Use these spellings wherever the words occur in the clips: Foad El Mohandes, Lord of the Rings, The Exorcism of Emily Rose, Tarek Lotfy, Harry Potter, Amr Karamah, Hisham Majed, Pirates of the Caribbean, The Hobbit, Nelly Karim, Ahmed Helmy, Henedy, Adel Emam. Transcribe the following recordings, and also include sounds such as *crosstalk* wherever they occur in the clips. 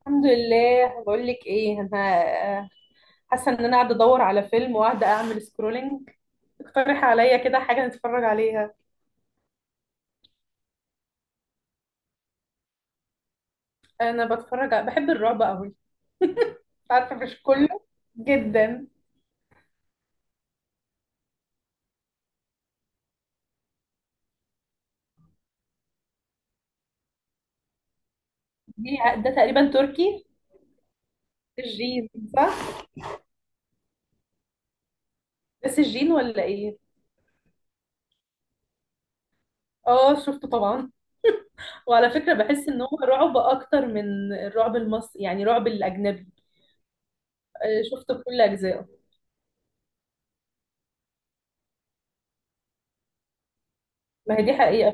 الحمد لله. بقول لك ايه، انا حاسه ان انا قاعده ادور على فيلم وقاعده اعمل سكرولنج. اقترح عليا كده حاجه نتفرج عليها. انا بحب الرعب قوي. عارفه، مش كله جدا. دي ده تقريبا تركي، الجين، صح؟ بس الجين ولا ايه؟ اه، شفته طبعا. وعلى فكره بحس ان هو رعب اكتر من الرعب المصري، يعني رعب الاجنبي. آه، شفته كل اجزائه. ما هي دي حقيقه.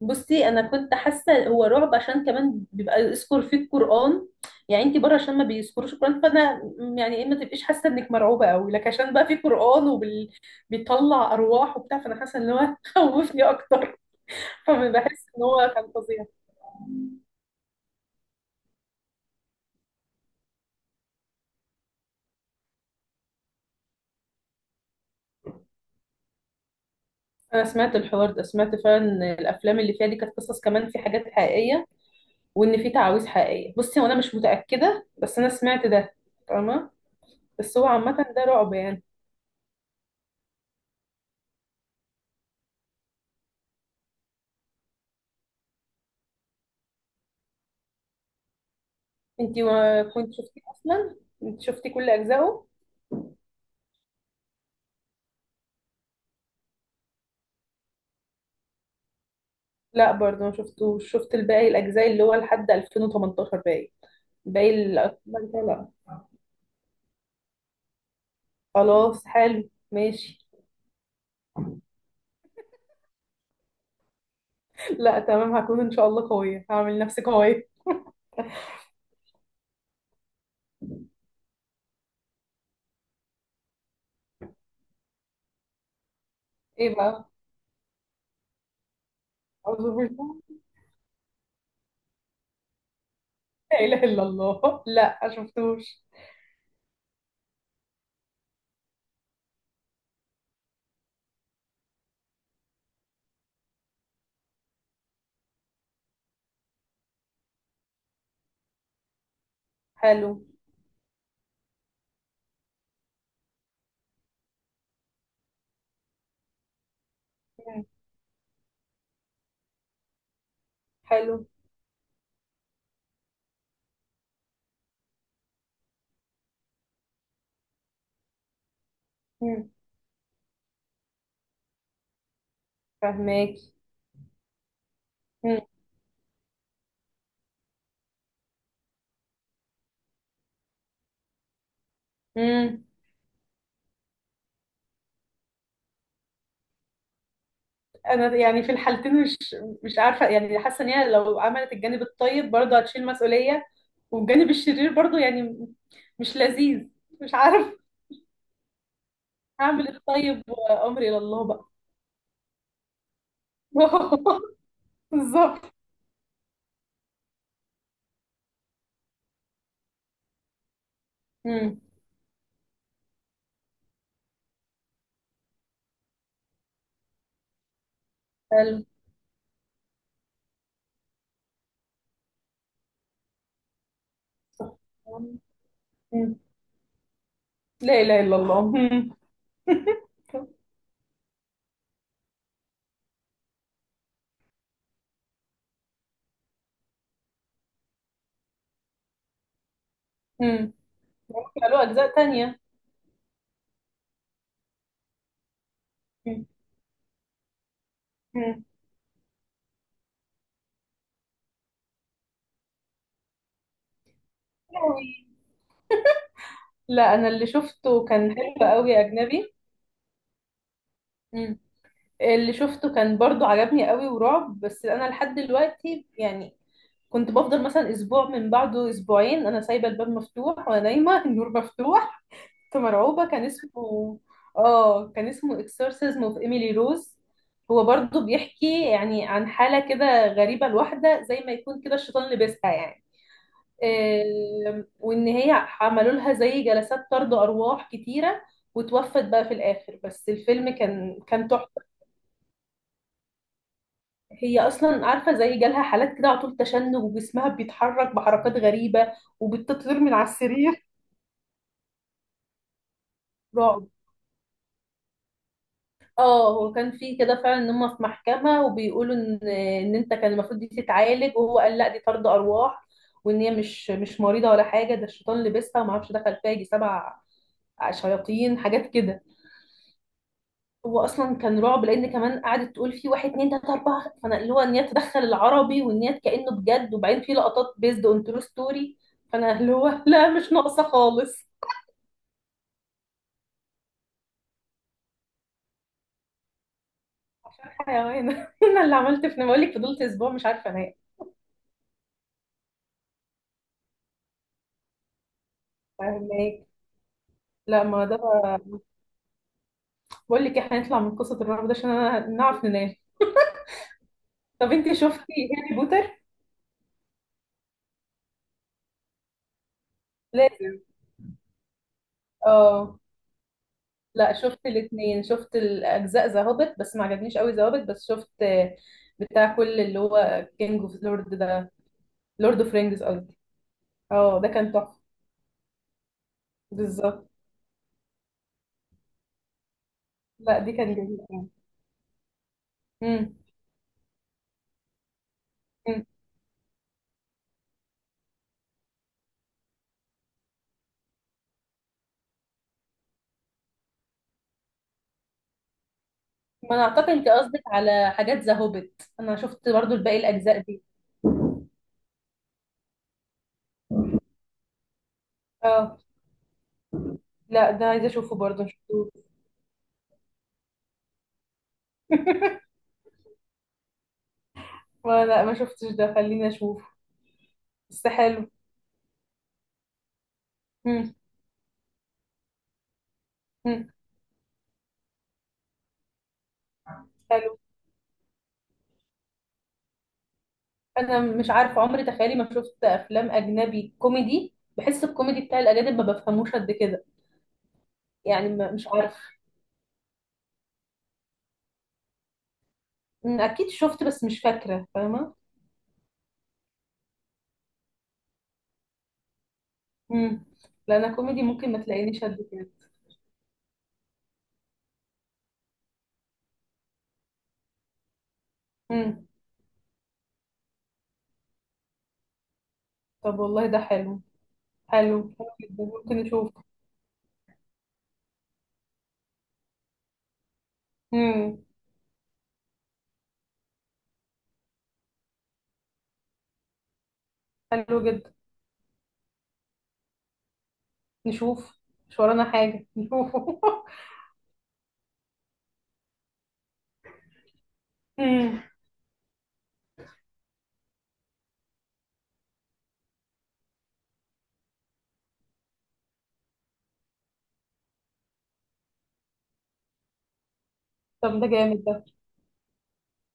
بصي، انا كنت حاسه هو رعب عشان كمان بيبقى يذكر فيه القران. يعني انت بره عشان ما بيذكروش القران، فانا يعني ايه، ما تبقيش حاسه انك مرعوبه قوي لك، عشان بقى فيه قران وبيطلع ارواح وبتاع. فانا حاسه ان هو *laughs* خوفني اكتر. فبحس ان هو كان فظيع. انا سمعت الحوار ده، سمعت فعلا إن الافلام اللي فيها دي كانت قصص، كمان في حاجات حقيقيه، وان في تعاويذ حقيقيه. بصي، وانا مش متاكده، بس انا سمعت ده. فاهمه. بس هو عامه ده رعب يعني. انتي ما كنت شفتيه اصلا؟ انت شفتي كل اجزائه. لا، برضه ما شفتوش. شفت الباقي الاجزاء، اللي هو لحد 2018 باقي. باقي الاجزاء لا. خلاص، حلو، ماشي. لا تمام، هكون ان شاء الله قويه، هعمل نفسي قويه. ايه بقى؟ اعوذ بالله، لا اله الا الله. لا، ما شفتوش. حلو. مم. حلو. مم. فهماكي. مم. مم. انا يعني في الحالتين مش عارفه. يعني حاسه ان هي لو عملت الجانب الطيب برضه هتشيل مسؤوليه، والجانب الشرير برضو يعني مش لذيذ. مش عارف. هعمل ايه؟ طيب، وامري الى الله بقى. *laughs* بالظبط. امم. حلو. أمم. لا اله الا الله. أمم. أمم. ممكن له *laughs* اجزاء تانية. أمم. أمم. لا، انا اللي شفته كان حلو قوي، اجنبي. أمم. اللي شفته كان برضو عجبني قوي ورعب، بس انا لحد دلوقتي يعني كنت بفضل مثلا اسبوع من بعده، اسبوعين، انا سايبه الباب مفتوح وانا نايمه، *laughs* النور مفتوح. كنت مرعوبه. كان اسمه اكسورسيزم اوف ايميلي روز. هو برضو بيحكي يعني عن حاله كده غريبه لواحده، زي ما يكون كده الشيطان لابسها يعني. وان هي عملوا لها زي جلسات طرد ارواح كتيره، وتوفت بقى في الاخر. بس الفيلم كان تحفه. هي اصلا عارفه زي جالها حالات كده على طول، تشنج وجسمها بيتحرك بحركات غريبه وبتطير من على السرير. رعب. اه، هو كان في كده فعلا، ان هم في محكمه وبيقولوا ان انت كان المفروض دي تتعالج، وهو قال لا، دي طرد ارواح، وان هي مش مريضه ولا حاجه، ده الشيطان لبسها، وما اعرفش دخل فيها يجي سبع شياطين، حاجات كده. هو اصلا كان رعب لان كمان قعدت تقول في واحد، اتنين، تلاته، اربعه. فانا اللي هو ان هي تدخل العربي، وان هي كانه بجد، وبعدين في لقطات بيزد اون ترو ستوري. فانا اللي هو لا، مش ناقصه خالص. عشان حيوانه. *laughs* انا اللي عملت في، بقول لك فضلت اسبوع مش عارفه انام. فاهمك. لا ما ده بقى- بقول لك احنا هنطلع من قصه الرعب ده عشان انا نعرف ننام. طب انت شفتي هاري بوتر؟ لازم. اه. لا، شفت الاثنين. شفت الاجزاء ذا هوبت، بس ما عجبنيش قوي ذا هوبت. بس شفت بتاع كل اللي هو كينج اوف لورد ده، لورد اوف رينجز قصدي. اه، ده كان تحفه. بالظبط. لا دي كان جميل قوي. امم. أمم. ما انا اعتقد انت قصدك على حاجات ذا هوبيت، انا شفت برضو الباقي الاجزاء دي. اه، لا، ده عايزه اشوفه برضو، ما شفتوش. *laughs* ما لا ما شفتش ده، خليني اشوفه. بس حلو. امم. أمم. حلو. انا مش عارفه عمري، تخيلي ما شفت افلام اجنبي كوميدي. بحس الكوميدي بتاع الاجانب ما بفهموش قد كده. يعني ما مش عارفه. أمم، اكيد شفت بس مش فاكره. فاهمه. امم. لا انا كوميدي ممكن ما تلاقينيش قد كده. امم. طب والله ده حلو. حلو حلو جدا، ممكن نشوف. امم. حلو جدا، نشوف. مش ورانا حاجة، نشوفه. *laughs* امم. طب ده جامد ده.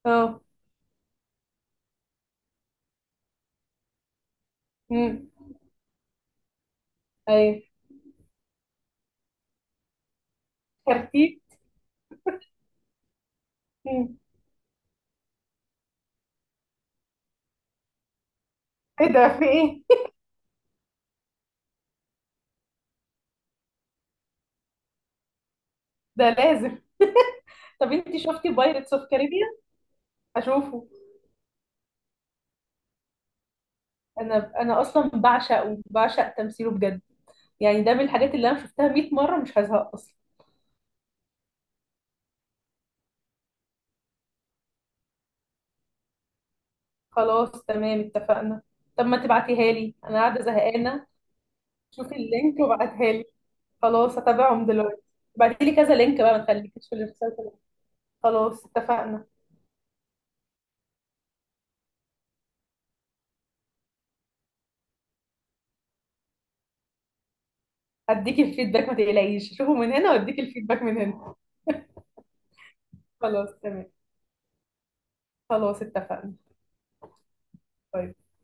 اه. امم. ايوه، كارتيب. امم. ايه ده، في ايه؟ *laughs* ده لازم. طب انت شفتي بايرتس اوف كاريبيان؟ اشوفه. انا اصلا بعشقه، بعشق تمثيله بجد. يعني ده من الحاجات اللي انا شفتها 100 مرة مش هزهق اصلا. خلاص تمام، اتفقنا. طب ما تبعتيها لي، انا قاعدة زهقانة. شوفي اللينك وابعتها لي. خلاص، هتابعهم دلوقتي. بعتي لي كذا لينك بقى، ما تخليكيش في الارسال كله. خلاص اتفقنا. هديكي الفيدباك ما تقلقيش، شوفوا من هنا واديكي الفيدباك من هنا. خلاص تمام. خلاص اتفقنا. باي.